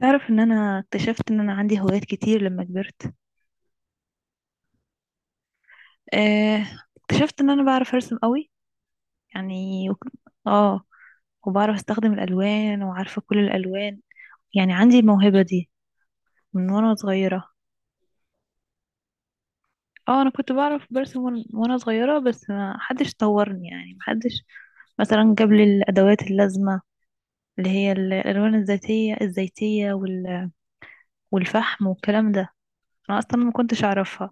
تعرف ان انا اكتشفت ان انا عندي هوايات كتير لما كبرت. آه، اكتشفت ان انا بعرف ارسم قوي. يعني اه وبعرف استخدم الالوان وعارفة كل الالوان. يعني عندي الموهبة دي من وانا صغيرة. اه انا كنت بعرف برسم وانا صغيرة، بس ما حدش طورني، يعني ما حدش مثلا جاب لي الادوات اللازمة، اللي هي الالوان الذاتية الزيتية والفحم والكلام ده. انا اصلا ما كنتش اعرفها.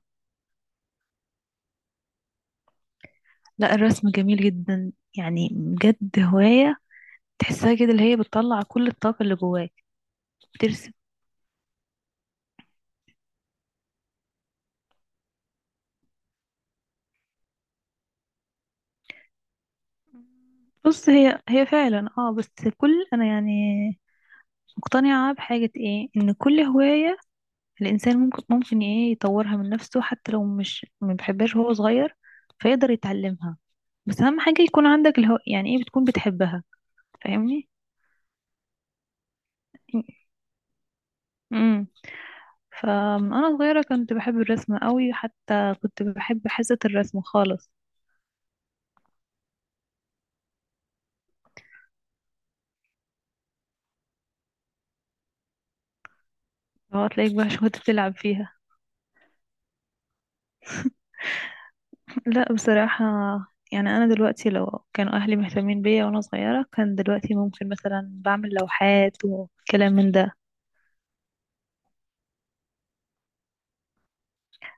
لا، الرسم جميل جدا، يعني بجد هواية تحسها كده، اللي هي بتطلع كل الطاقة اللي جواك. ترسم. بص، هي فعلا، اه، بس كل انا يعني مقتنعة بحاجة ايه؟ ان كل هواية الانسان ممكن ايه، يطورها من نفسه حتى لو مش ما بيحبهاش وهو صغير، فيقدر يتعلمها. بس اهم حاجة يكون عندك يعني ايه، بتكون بتحبها. فاهمني؟ امم. فانا صغيرة كنت بحب الرسم قوي، حتى كنت بحب حصة الرسم خالص. هو تلاقيك بقى شوية بتلعب فيها. لا بصراحة، يعني أنا دلوقتي لو كانوا أهلي مهتمين بيا وأنا صغيرة، كان دلوقتي ممكن مثلا بعمل لوحات وكلام من ده.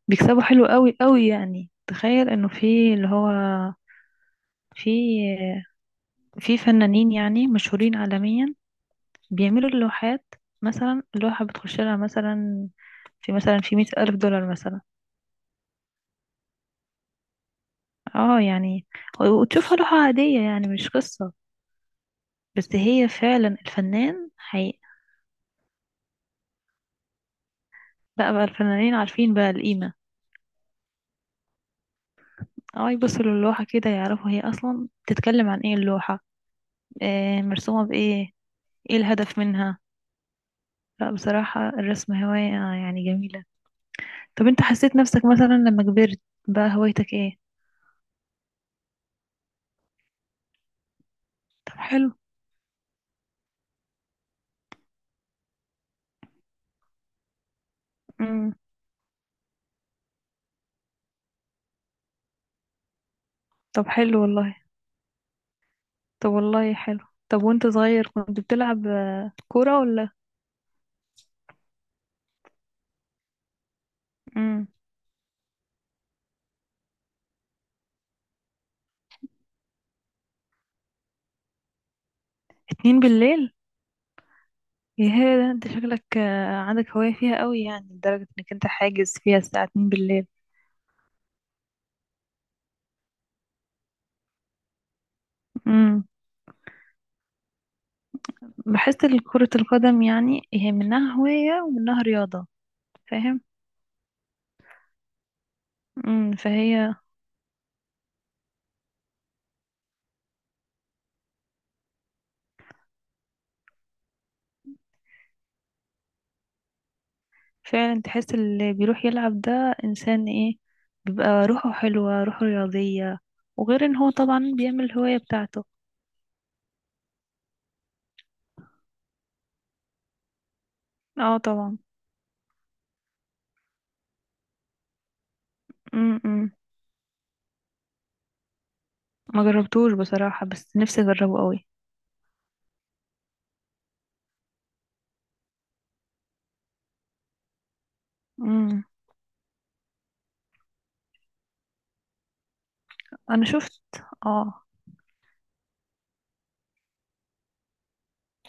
بيكسبوا حلو قوي قوي، يعني تخيل إنه في اللي هو في في فنانين يعني مشهورين عالميا بيعملوا اللوحات، مثلا اللوحة بتخش لها مثلا في 100,000 دولار مثلا. اه يعني وتشوفها لوحة عادية، يعني مش قصة. بس هي فعلا الفنان حقيقة. لا بقى، الفنانين عارفين بقى القيمة. اه، يبصوا للوحة كده يعرفوا هي أصلا بتتكلم عن ايه اللوحة، آه، مرسومة بإيه، ايه الهدف منها. لا بصراحة الرسم هواية يعني جميلة. طب انت حسيت نفسك مثلا لما كبرت، بقى هوايتك ايه؟ طب حلو. مم. طب حلو والله. طب والله حلو. طب وانت صغير كنت بتلعب كورة ولا؟ مم. اتنين بالليل؟ يا ده، انت شكلك عندك هواية فيها قوي، يعني لدرجة انك انت حاجز فيها الساعة 2 بالليل. مم. بحس إن كرة القدم يعني هي منها هواية ومنها رياضة. فاهم. فهي فعلا تحس اللي بيروح يلعب ده إنسان ايه، بيبقى روحه حلوة، روحه رياضية، وغير ان هو طبعا بيعمل الهواية بتاعته. اه طبعا. امم. امم. ما جربتوش بصراحة، بس نفسي اجربه قوي. امم. انا شفت، اه.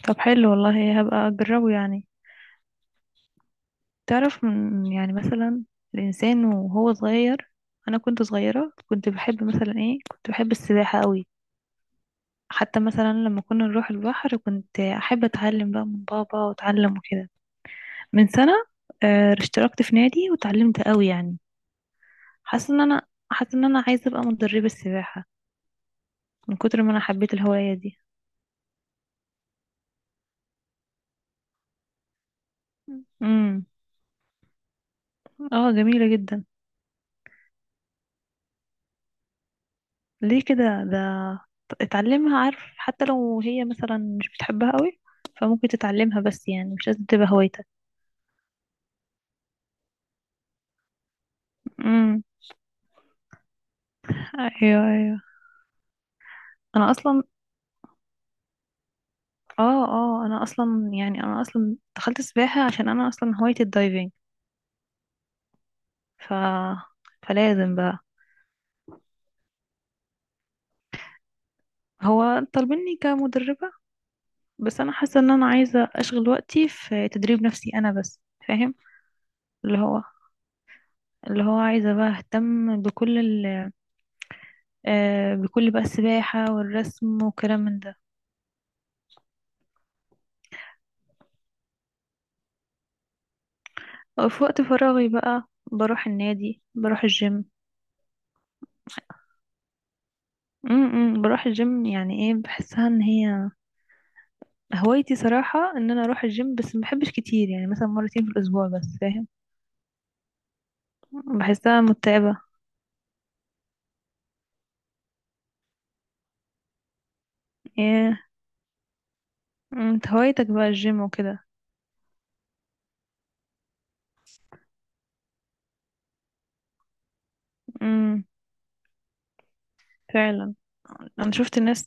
طب حلو والله، هبقى اجربه يعني. تعرف يعني مثلا الإنسان وهو صغير، أنا كنت صغيرة كنت بحب مثلا إيه، كنت بحب السباحة قوي. حتى مثلا لما كنا نروح البحر كنت أحب أتعلم بقى من بابا وأتعلم وكده. من سنة آه، اشتركت في نادي وتعلمت قوي يعني. حاسة إن أنا، حاسة إن أنا عايزة أبقى مدربة السباحة من كتر ما أنا حبيت الهواية دي. امم. اه جميلة جدا. ليه كده ده؟ اتعلمها، عارف، حتى لو هي مثلا مش بتحبها قوي، فممكن تتعلمها، بس يعني مش لازم تبقى هوايتك. امم. ايوه ايوه. انا اصلا اه اه انا اصلا يعني انا اصلا دخلت سباحة عشان انا اصلا هوايتي الدايفنج. ف فلازم بقى. هو طالبيني كمدربة، بس انا حاسة ان انا عايزة اشغل وقتي في تدريب نفسي انا بس. فاهم. اللي هو اللي هو عايزة بقى اهتم آه، بكل بقى السباحة والرسم وكلام من ده. في وقت فراغي بقى بروح النادي، بروح الجيم. امم. بروح الجيم يعني، ايه، بحسها ان هي هوايتي صراحة ان انا اروح الجيم، بس ما بحبش كتير، يعني مثلا مرتين في الاسبوع بس، فاهم؟ بحسها متعبة. ايه. مم، انت هوايتك بقى الجيم وكده. امم. فعلا. انا شفت ناس،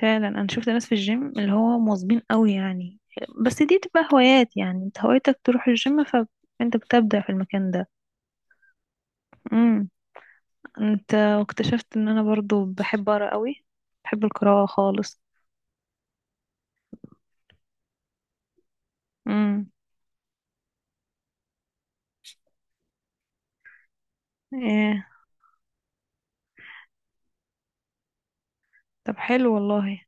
فعلا انا شفت ناس في الجيم اللي هو مواظبين قوي يعني. بس دي تبقى هوايات، يعني انت هوايتك تروح الجيم فانت بتبدع في المكان ده. انت، واكتشفت ان انا برضو بحب اقرا قوي، بحب القراءة خالص. امم. ايه. طب حلو والله.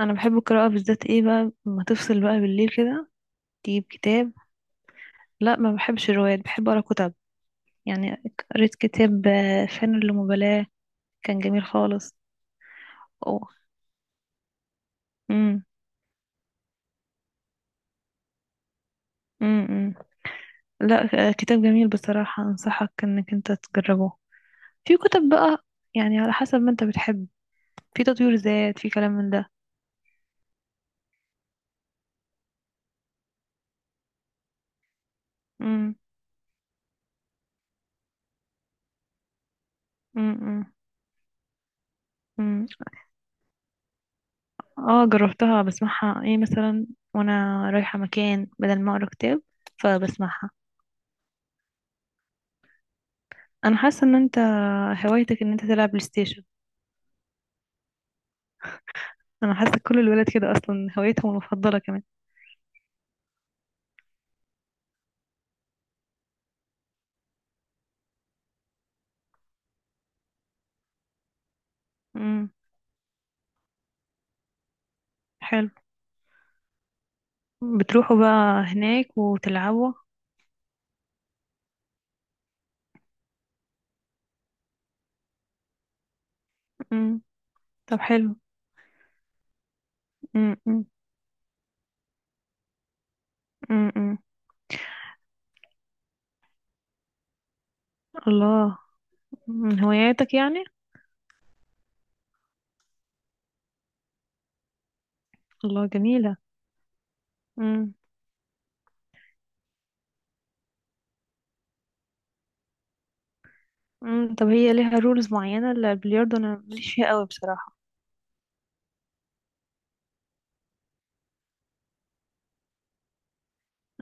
انا بحب القراءة بالذات ايه بقى لما تفصل بقى بالليل كده، تجيب كتاب. لا ما بحبش روايات، بحب اقرا كتب يعني. قريت كتاب آه، فن اللامبالاة، كان جميل خالص. اوه. امم. امم. لا آه، كتاب جميل بصراحة، انصحك انك انت تجربه. في كتب بقى، يعني على حسب ما انت بتحب، في تطوير ذات، في كلام من ده. امم. امم. اه جربتها، بسمعها ايه مثلا وانا رايحة مكان بدل ما اقرا كتاب، فبسمعها. انا حاسة ان انت هوايتك ان انت تلعب بلاي ستيشن. انا حاسة كل الولاد كده اصلا هوايتهم المفضلة كمان. امم. حلو. بتروحوا بقى هناك وتلعبوا؟ امم. طب حلو. امم. امم. امم. أمم. الله. من هواياتك يعني؟ الله جميلة. امم. امم. طب هي ليها رولز معينة البلياردو؟ انا ماليش فيها قوي بصراحة.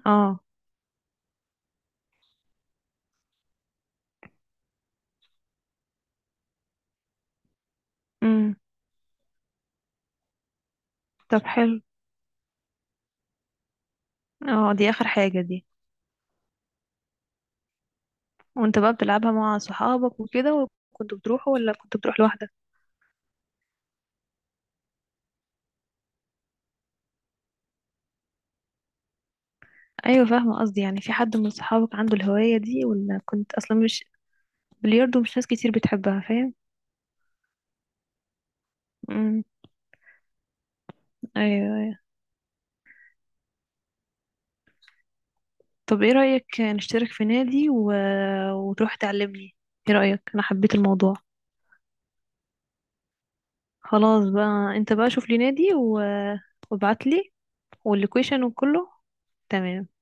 اه. امم. طب حلو. اه دي اخر حاجة دي. وانت بقى بتلعبها مع صحابك وكده؟ وكنت بتروح ولا كنت بتروح لوحدك؟ ايوه، فاهمه قصدي، يعني في حد من صحابك عنده الهوايه دي ولا كنت اصلا مش؟ بلياردو مش ناس كتير بتحبها، فاهم؟ امم. ايوه ايوه. طب ايه رايك نشترك في نادي وتروح تعلمني؟ ايه رايك؟ انا حبيت الموضوع. خلاص بقى، انت بقى شوف لي نادي وابعت لي واللوكيشن وكله. تمام.